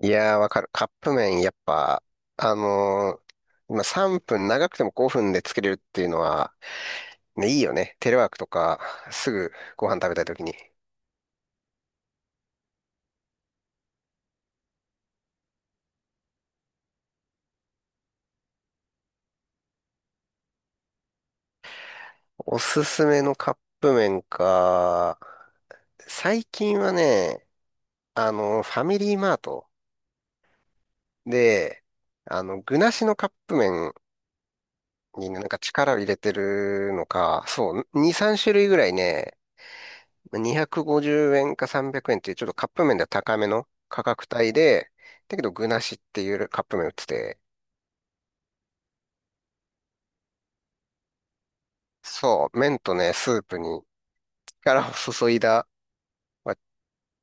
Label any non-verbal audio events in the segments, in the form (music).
いやー、わかる。カップ麺、やっぱ、あのー今3分、長くても5分で作れるっていうのは、ね、いいよね。テレワークとか、すぐご飯食べたい時に。おすすめのカップ麺か。最近はね、あのファミリーマートで、あの、具なしのカップ麺になんか力を入れてるのか、そう、2、3種類ぐらいね、250円か300円っていうちょっとカップ麺では高めの価格帯で、だけど具なしっていうカップ麺売ってて、そう、麺とね、スープに力を注いだ、まあ、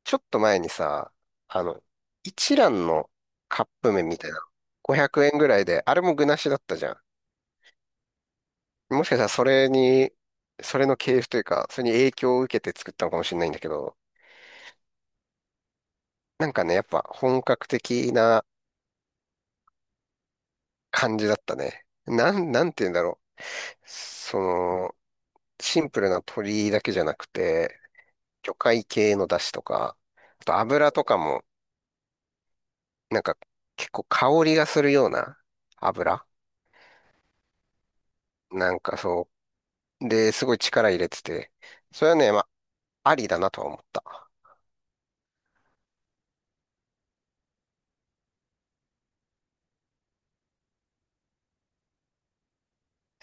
ちょっと前にさ、あの、一蘭のカップ麺みたいな、500円ぐらいで、あれも具なしだったじゃん。もしかしたらそれに、それの系譜というか、それに影響を受けて作ったのかもしれないんだけど、なんかね、やっぱ本格的な感じだったね。なんて言うんだろう。その、シンプルな鶏だけじゃなくて、魚介系の出汁とか、あと油とかも、なんか結構香りがするような油なんかそう。で、すごい力入れてて、それはね、まあ、ありだなとは思った。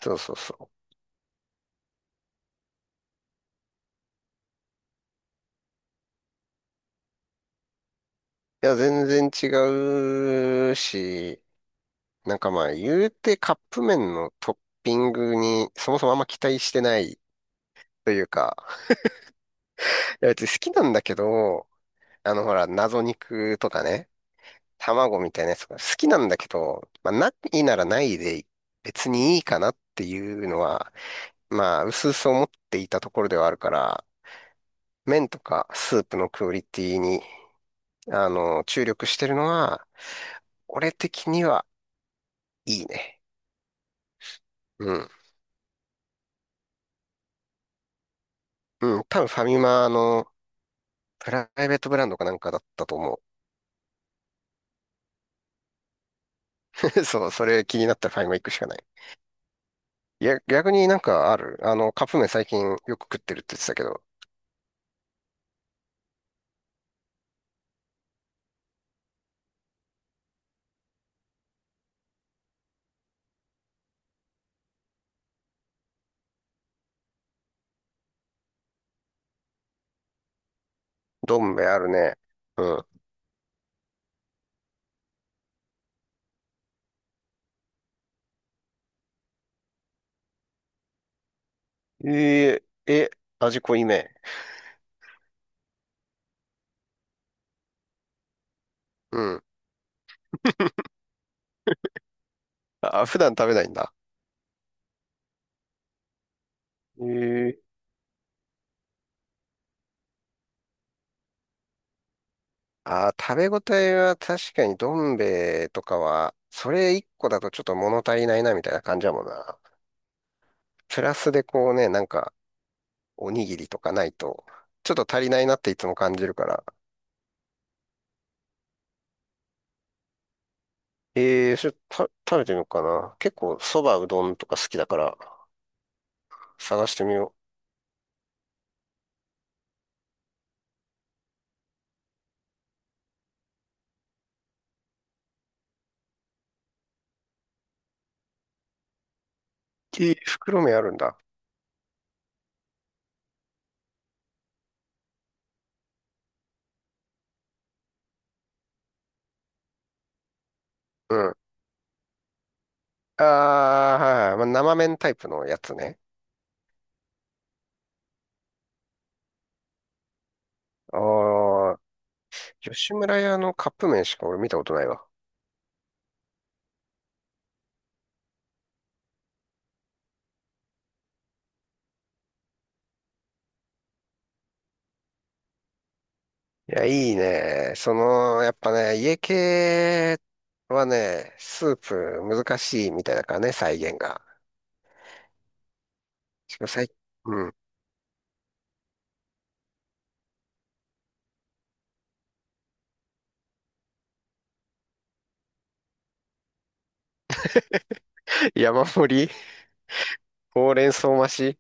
そうそうそう。いや、全然違うし、なんかまあ、言うてカップ麺のトッピングにそもそもあんま期待してないというか、いや、別に好きなんだけど、あの、ほら、謎肉とかね、卵みたいなやつが好きなんだけど、まあ、ないならないで別にいいかなっていうのは、まあ、薄々思っていたところではあるから、麺とかスープのクオリティに、あの、注力してるのは、俺的にはいいね。うん。うん。多分ファミマのプライベートブランドかなんかだったと思う。(laughs) そう、それ気になったらファミマ行くしかない。いや、逆になんかある。あの、カップ麺最近よく食ってるって言ってたけど、どん兵衛あるね。うん。えええ、味濃いめ。うん。(laughs) あ、普段食べないんだ。ええ食べ応えは確かにどん兵衛とかは、それ一個だとちょっと物足りないなみたいな感じだもんな。プラスでこうね、なんか、おにぎりとかないと、ちょっと足りないなっていつも感じるから。ええそれた、食べてみようかな。結構そばうどんとか好きだから、探してみよう。えー袋麺あるんだ。うん。ああ、はいはい。まあ、生麺タイプのやつね。ああ、吉村屋のカップ麺しか俺見たことないわ。いや、いいね。その、やっぱね、家系はね、スープ難しいみたいだからね、再現が。しかも最、うん。(laughs) 山盛り、ほうれん草増し。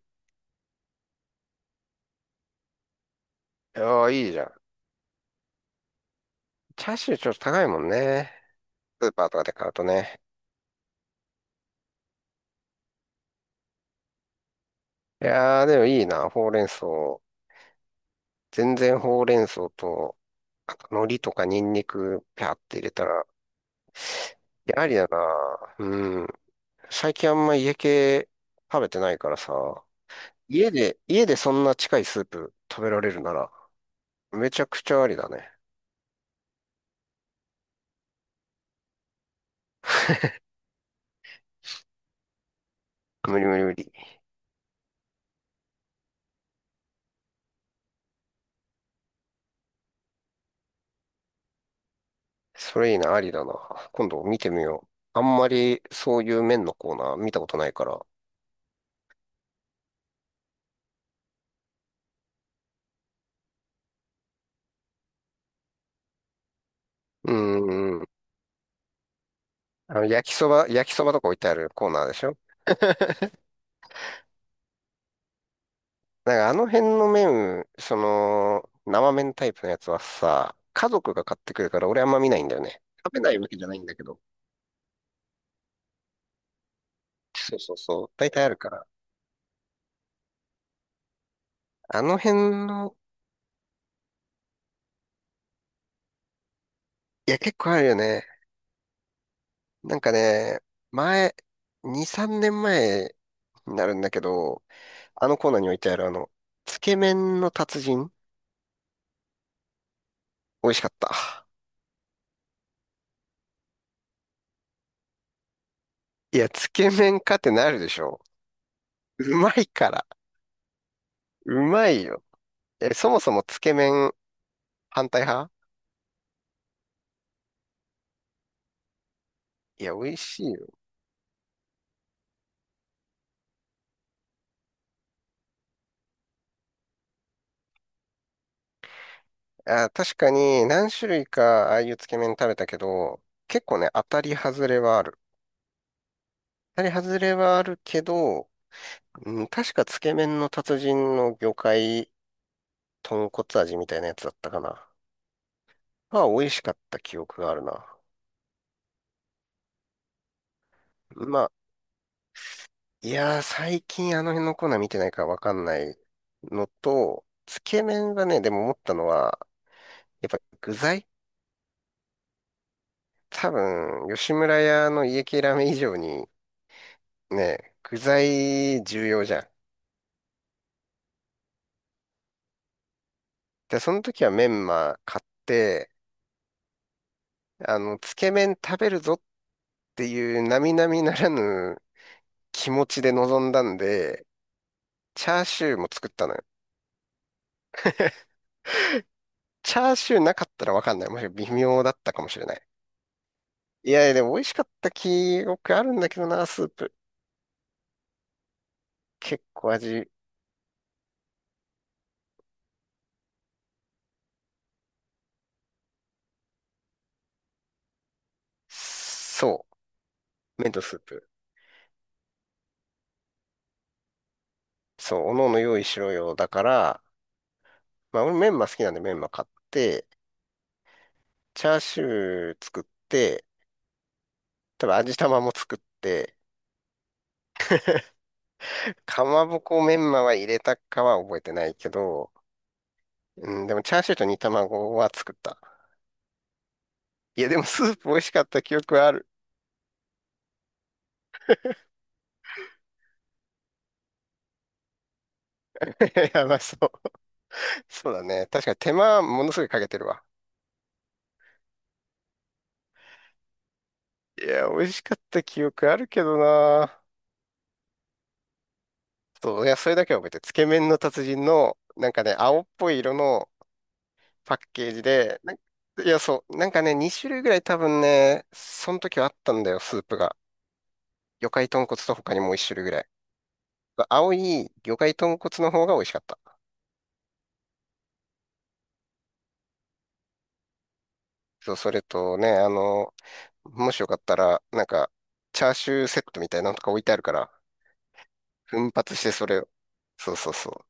ああ、いいじゃん。チャーシューちょっと高いもんね。スーパーとかで買うとね。いやー、でもいいな、ほうれん草。全然ほうれん草と、あと海苔とかニンニク、ぴゃって入れたら、いやありだな。うん、最近あんま家系食べてないからさ、家で、家でそんな近いスープ食べられるなら、めちゃくちゃありだね。無理無理無理。それいいな、ありだな。今度見てみよう。あんまりそういう麺のコーナー見たことないから。うーん。あの焼きそば、焼きそばとか置いてあるコーナーでしょ。 (laughs) なんかあの辺の麺、その、生麺タイプのやつはさ、家族が買ってくるから俺あんま見ないんだよね。食べないわけじゃないんだけど。そうそうそう。大体あるから。あの辺の、いや、結構あるよね。なんかね、前、2、3年前になるんだけど、あのコーナーに置いてあるあの、つけ麺の達人、美味しかった。いや、つけ麺かってなるでしょ。うまいから。うまいよ。え、そもそもつけ麺反対派？いや、美味しいよ。あ、確かに何種類かああいうつけ麺食べたけど、結構ね、当たり外れはある。当たり外れはあるけど、うん、確かつけ麺の達人の魚介豚骨味みたいなやつだったかな。まあ、美味しかった記憶があるな。まあ、いやー、最近あの辺のコーナー見てないからわかんないのと、つけ麺がね、でも思ったのは、やっぱ具材多分、吉村屋の家系ラーメン以上にね、具材重要じゃん。で、その時はメンマ買って、あの、つけ麺食べるぞっていう並々ならぬ気持ちで臨んだんで、チャーシューも作ったのよ。(laughs) チャーシューなかったらわかんない。もし微妙だったかもしれない。いやいや、でも美味しかった記憶あるんだけどな、スープ。結構味、そう。麺とスープ。そう、おのおの用意しろよ。だから、まあ俺メンマ好きなんでメンマ買って、チャーシュー作って、多分味玉も作って、(laughs) かまぼこメンマは入れたかは覚えてないけど、うん、でもチャーシューと煮卵は作った。いや、でもスープ美味しかった記憶はある。(laughs) やばそう。そうだね。確かに手間ものすごいかけてるわ。いや、美味しかった記憶あるけどな。そう、いや、それだけは覚えてる。つけ麺の達人の、なんかね、青っぽい色のパッケージで、いや、そう、なんかね、2種類ぐらい多分ね、その時はあったんだよ、スープが。魚介豚骨と他にもう1種類ぐらい。青い魚介豚骨の方が美味しかった。そう、それとね、あの、もしよかったら、なんか、チャーシューセットみたいなのとか置いてあるから、奮発してそれを。そうそうそう。